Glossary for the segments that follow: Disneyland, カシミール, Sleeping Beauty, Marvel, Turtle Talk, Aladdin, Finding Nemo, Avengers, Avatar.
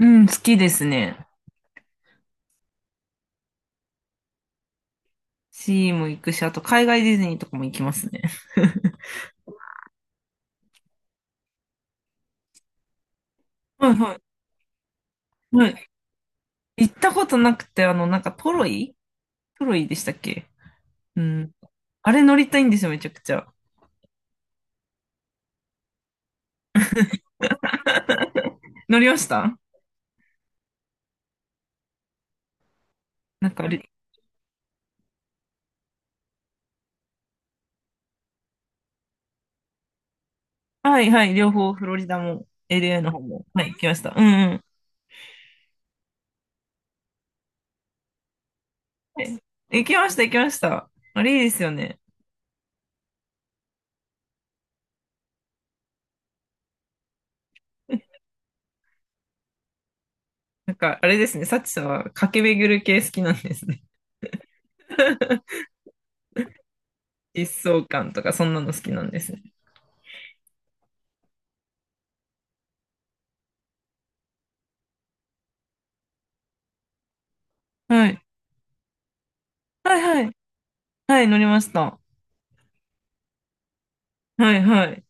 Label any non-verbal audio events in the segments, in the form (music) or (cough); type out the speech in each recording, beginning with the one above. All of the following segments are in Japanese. うん、好きですね。シーも行くし、あと海外ディズニーとかも行きますね。はいはい。はい。行ったことなくて、なんかトロイでしたっけ。うん。あれ乗りたいんですよ、めちゃくちゃ。乗りました。なんか、りはいはい、両方フロリダも LA の方も。はい、行きました。うんうん。はい、行きました。うんうん、行きました。あれいいですよね。なんか、あれですね、サチさんは駆け巡る系好きなんですね。(laughs) 疾走感とか、そんなの好きなんですね。はいはいはい。はい、乗りました。はいはい。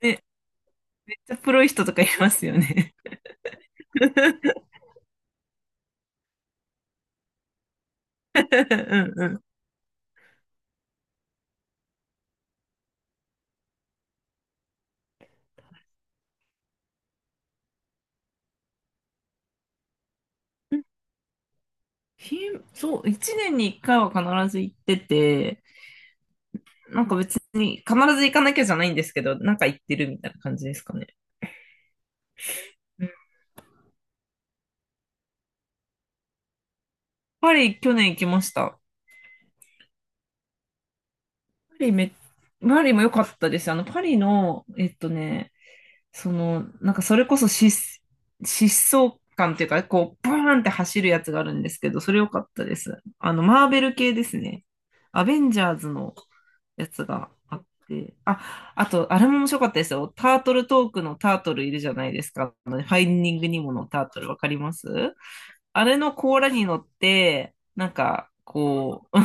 ね、めっちゃプロい人とかいますよね。(laughs) うんうんうん。ひ、そう、一年に一回は必ず行ってて、なんか別に必ず行かなきゃじゃないんですけど、なんか行ってるみたいな感じですかね。うん。パリ去年行きました。パリめ、パリも良かったです。パリの、その、なんかそれこそ疾走感っていうかね、こう、バーンって走るやつがあるんですけど、それ良かったです。あの、マーベル系ですね。アベンジャーズのやつがあって、あ、あと、あれも面白かったですよ。タートルトークのタートルいるじゃないですか。あのファインディングニモのタートルわかります。あれの甲羅に乗って、なんか、こう、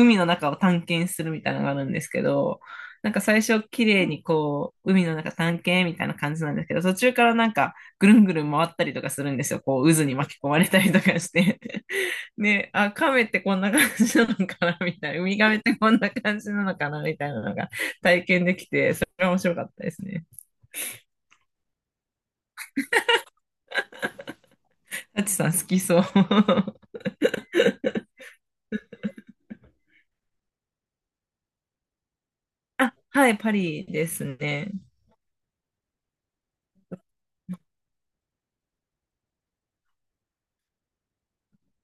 海の中を探検するみたいなのがあるんですけど、なんか最初綺麗にこう、海の中探検みたいな感じなんですけど、途中からなんかぐるんぐるん回ったりとかするんですよ。こう渦に巻き込まれたりとかして。(laughs) で、あ、亀ってこんな感じなのかなみたいな。ウミガメってこんな感じなのかなみたいなのが体験できて、それは面白かったですね。タチさん好きそう。(laughs) あ、はい、パリですね。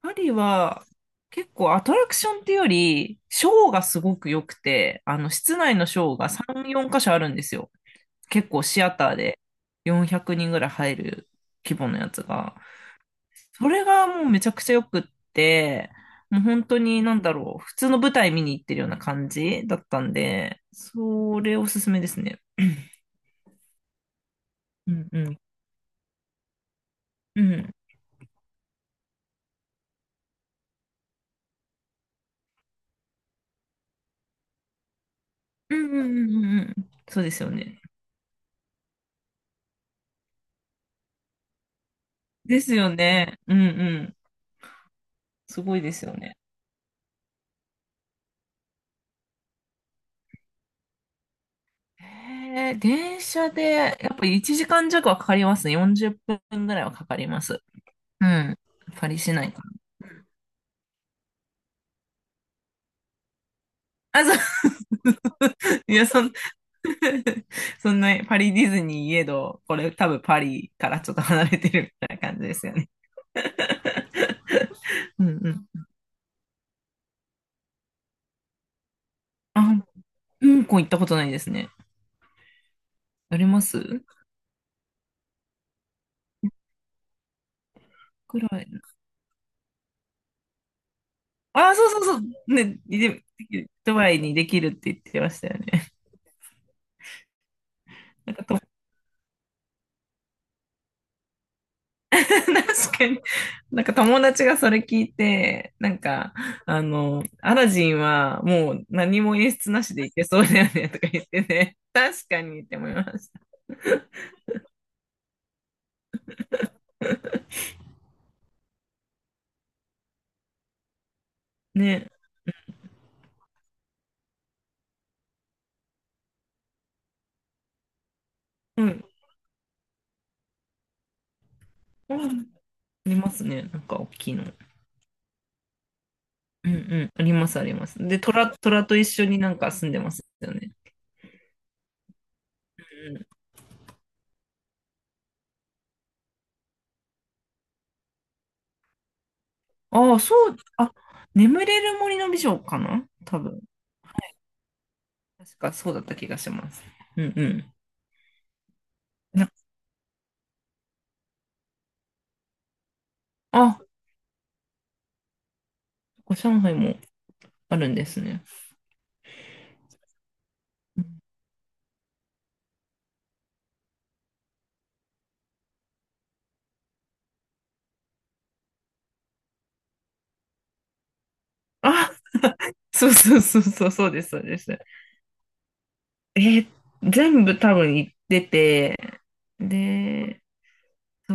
パリは結構アトラクションっていうより、ショーがすごく良くて、あの、室内のショーが3、4箇所あるんですよ。結構シアターで400人ぐらい入る規模のやつが。それがもうめちゃくちゃ良くって、もう本当になんだろう、普通の舞台見に行ってるような感じだったんで、それおすすめですね。(clears throat) うんうん。うん。うんうんうんうんうん。そうですよね。ですよね。うんうん。すごいですよね。えー、電車で、やっぱ1時間弱はかかりますね。40分ぐらいはかかります。うん。パリ市内かな。あ、そう。(laughs) いや、そん、(laughs) そんな、パリディズニーいえど、これ多分パリからちょっと離れてるみたいな感じですよね。うんうん。あ、香港行ったことないですね。ありますくらい。あ、そうそうそう。ね、で、ドバイにできるって言ってましたよね。(laughs) 確かに。なんか友達がそれ聞いて、なんか、あの、アラジンはもう何も演出なしでいけそうだよねとか言ってね。確かにって思いました。ね。うん。うん、ありますね。なんか大きいの。うんうん。ありますあります。で、虎と一緒になんか住んでますよね。うん。ああ、そう。あ、眠れる森の美女かな多分。確かそうだった気がします。うんうん。なここ上海もあるんですね。あ、そうそうそうそうそうです、そうです。えー、全部多分行ってて、で、そ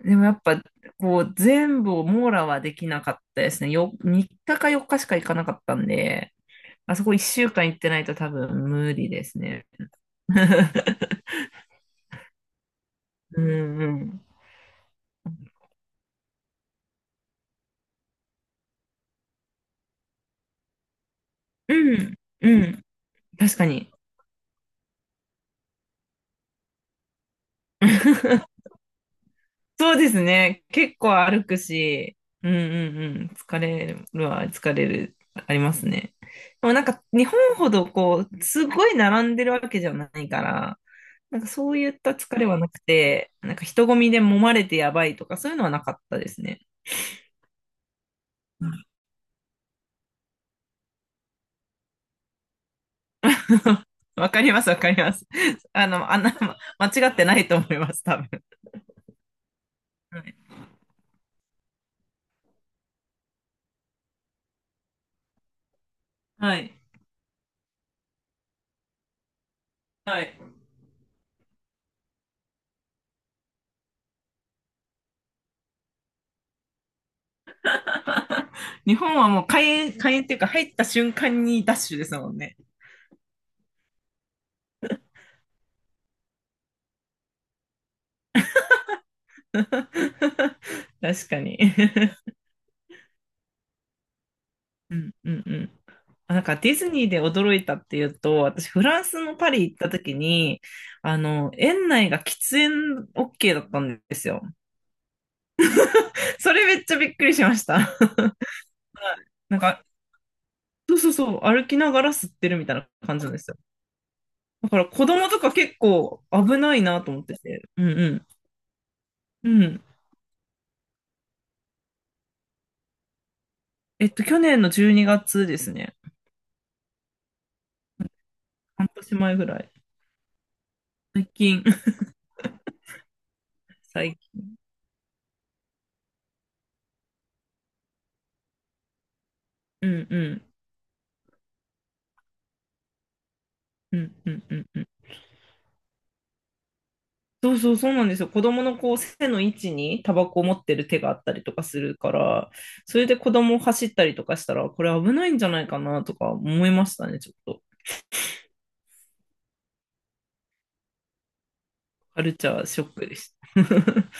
う。でもやっぱ、こう、全部を網羅はできなかったですね。3日か4日しか行かなかったんで、あそこ1週間行ってないと多分無理ですね。(laughs) うんうん。うん、うん。確かに。(laughs) そうですね。結構歩くし、うんうんうん。疲れるは疲れる、ありますね。でもなんか日本ほどこう、すごい並んでるわけじゃないから、なんかそういった疲れはなくて、なんか人混みで揉まれてやばいとかそういうのはなかったですね。(laughs) わかります、わかります。あの、あんな、間違ってないと思います、多分。はい。はい。はい。 (laughs) 日本はもう開園っていうか入った瞬間にダッシュですもんね。(laughs) 確かに。(laughs) うんうんうん。あ、なんかディズニーで驚いたっていうと、私フランスのパリ行った時に、あの、園内が喫煙 OK だったんですよ。それめっちゃびっくりしました。(laughs) なんか、そうそうそう、歩きながら吸ってるみたいな感じなんですよ。だから子供とか結構危ないなと思ってて。うんうん。うん。えっと、去年の12月ですね。半年前ぐらい。最近。(laughs) 最近。うんうん。うんうんうんうん。そうそうそうなんですよ。子供のこう背の位置にタバコを持ってる手があったりとかするから、それで子供を走ったりとかしたら、これ危ないんじゃないかなとか思いましたね、ちょっと。カルチャーショックでした。(laughs)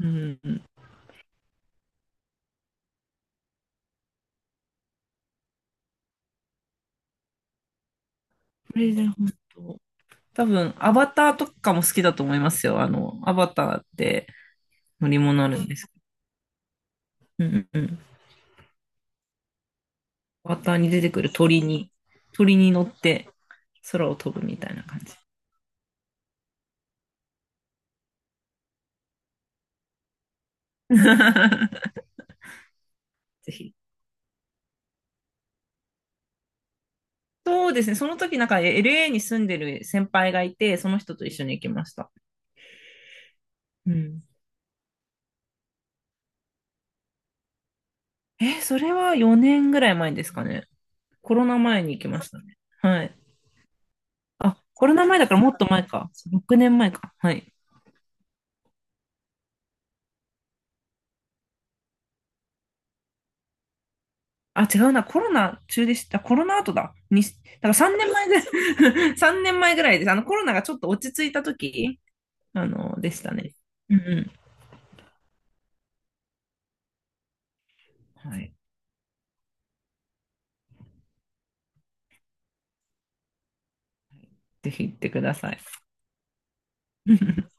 うん。これで本当。多分、アバターとかも好きだと思いますよ。あの、アバターって乗り物あるんですけど。うんうんうん。アバターに出てくる鳥に乗って空を飛ぶみたいな感じ。(laughs) ぜひ。そうですね。その時なんか LA に住んでる先輩がいて、その人と一緒に行きました。うん。え、それは4年ぐらい前ですかね。コロナ前に行きましたね。はい。あ、コロナ前だからもっと前か。6年前か。はい。あ、違うな。コロナ中でした。コロナ後だ。だから3年前ぐらい、(laughs) 3年前ぐらいです。あの、コロナがちょっと落ち着いた時、あの、でしたね。うんうん。はい。ぜひ行ってください。(laughs)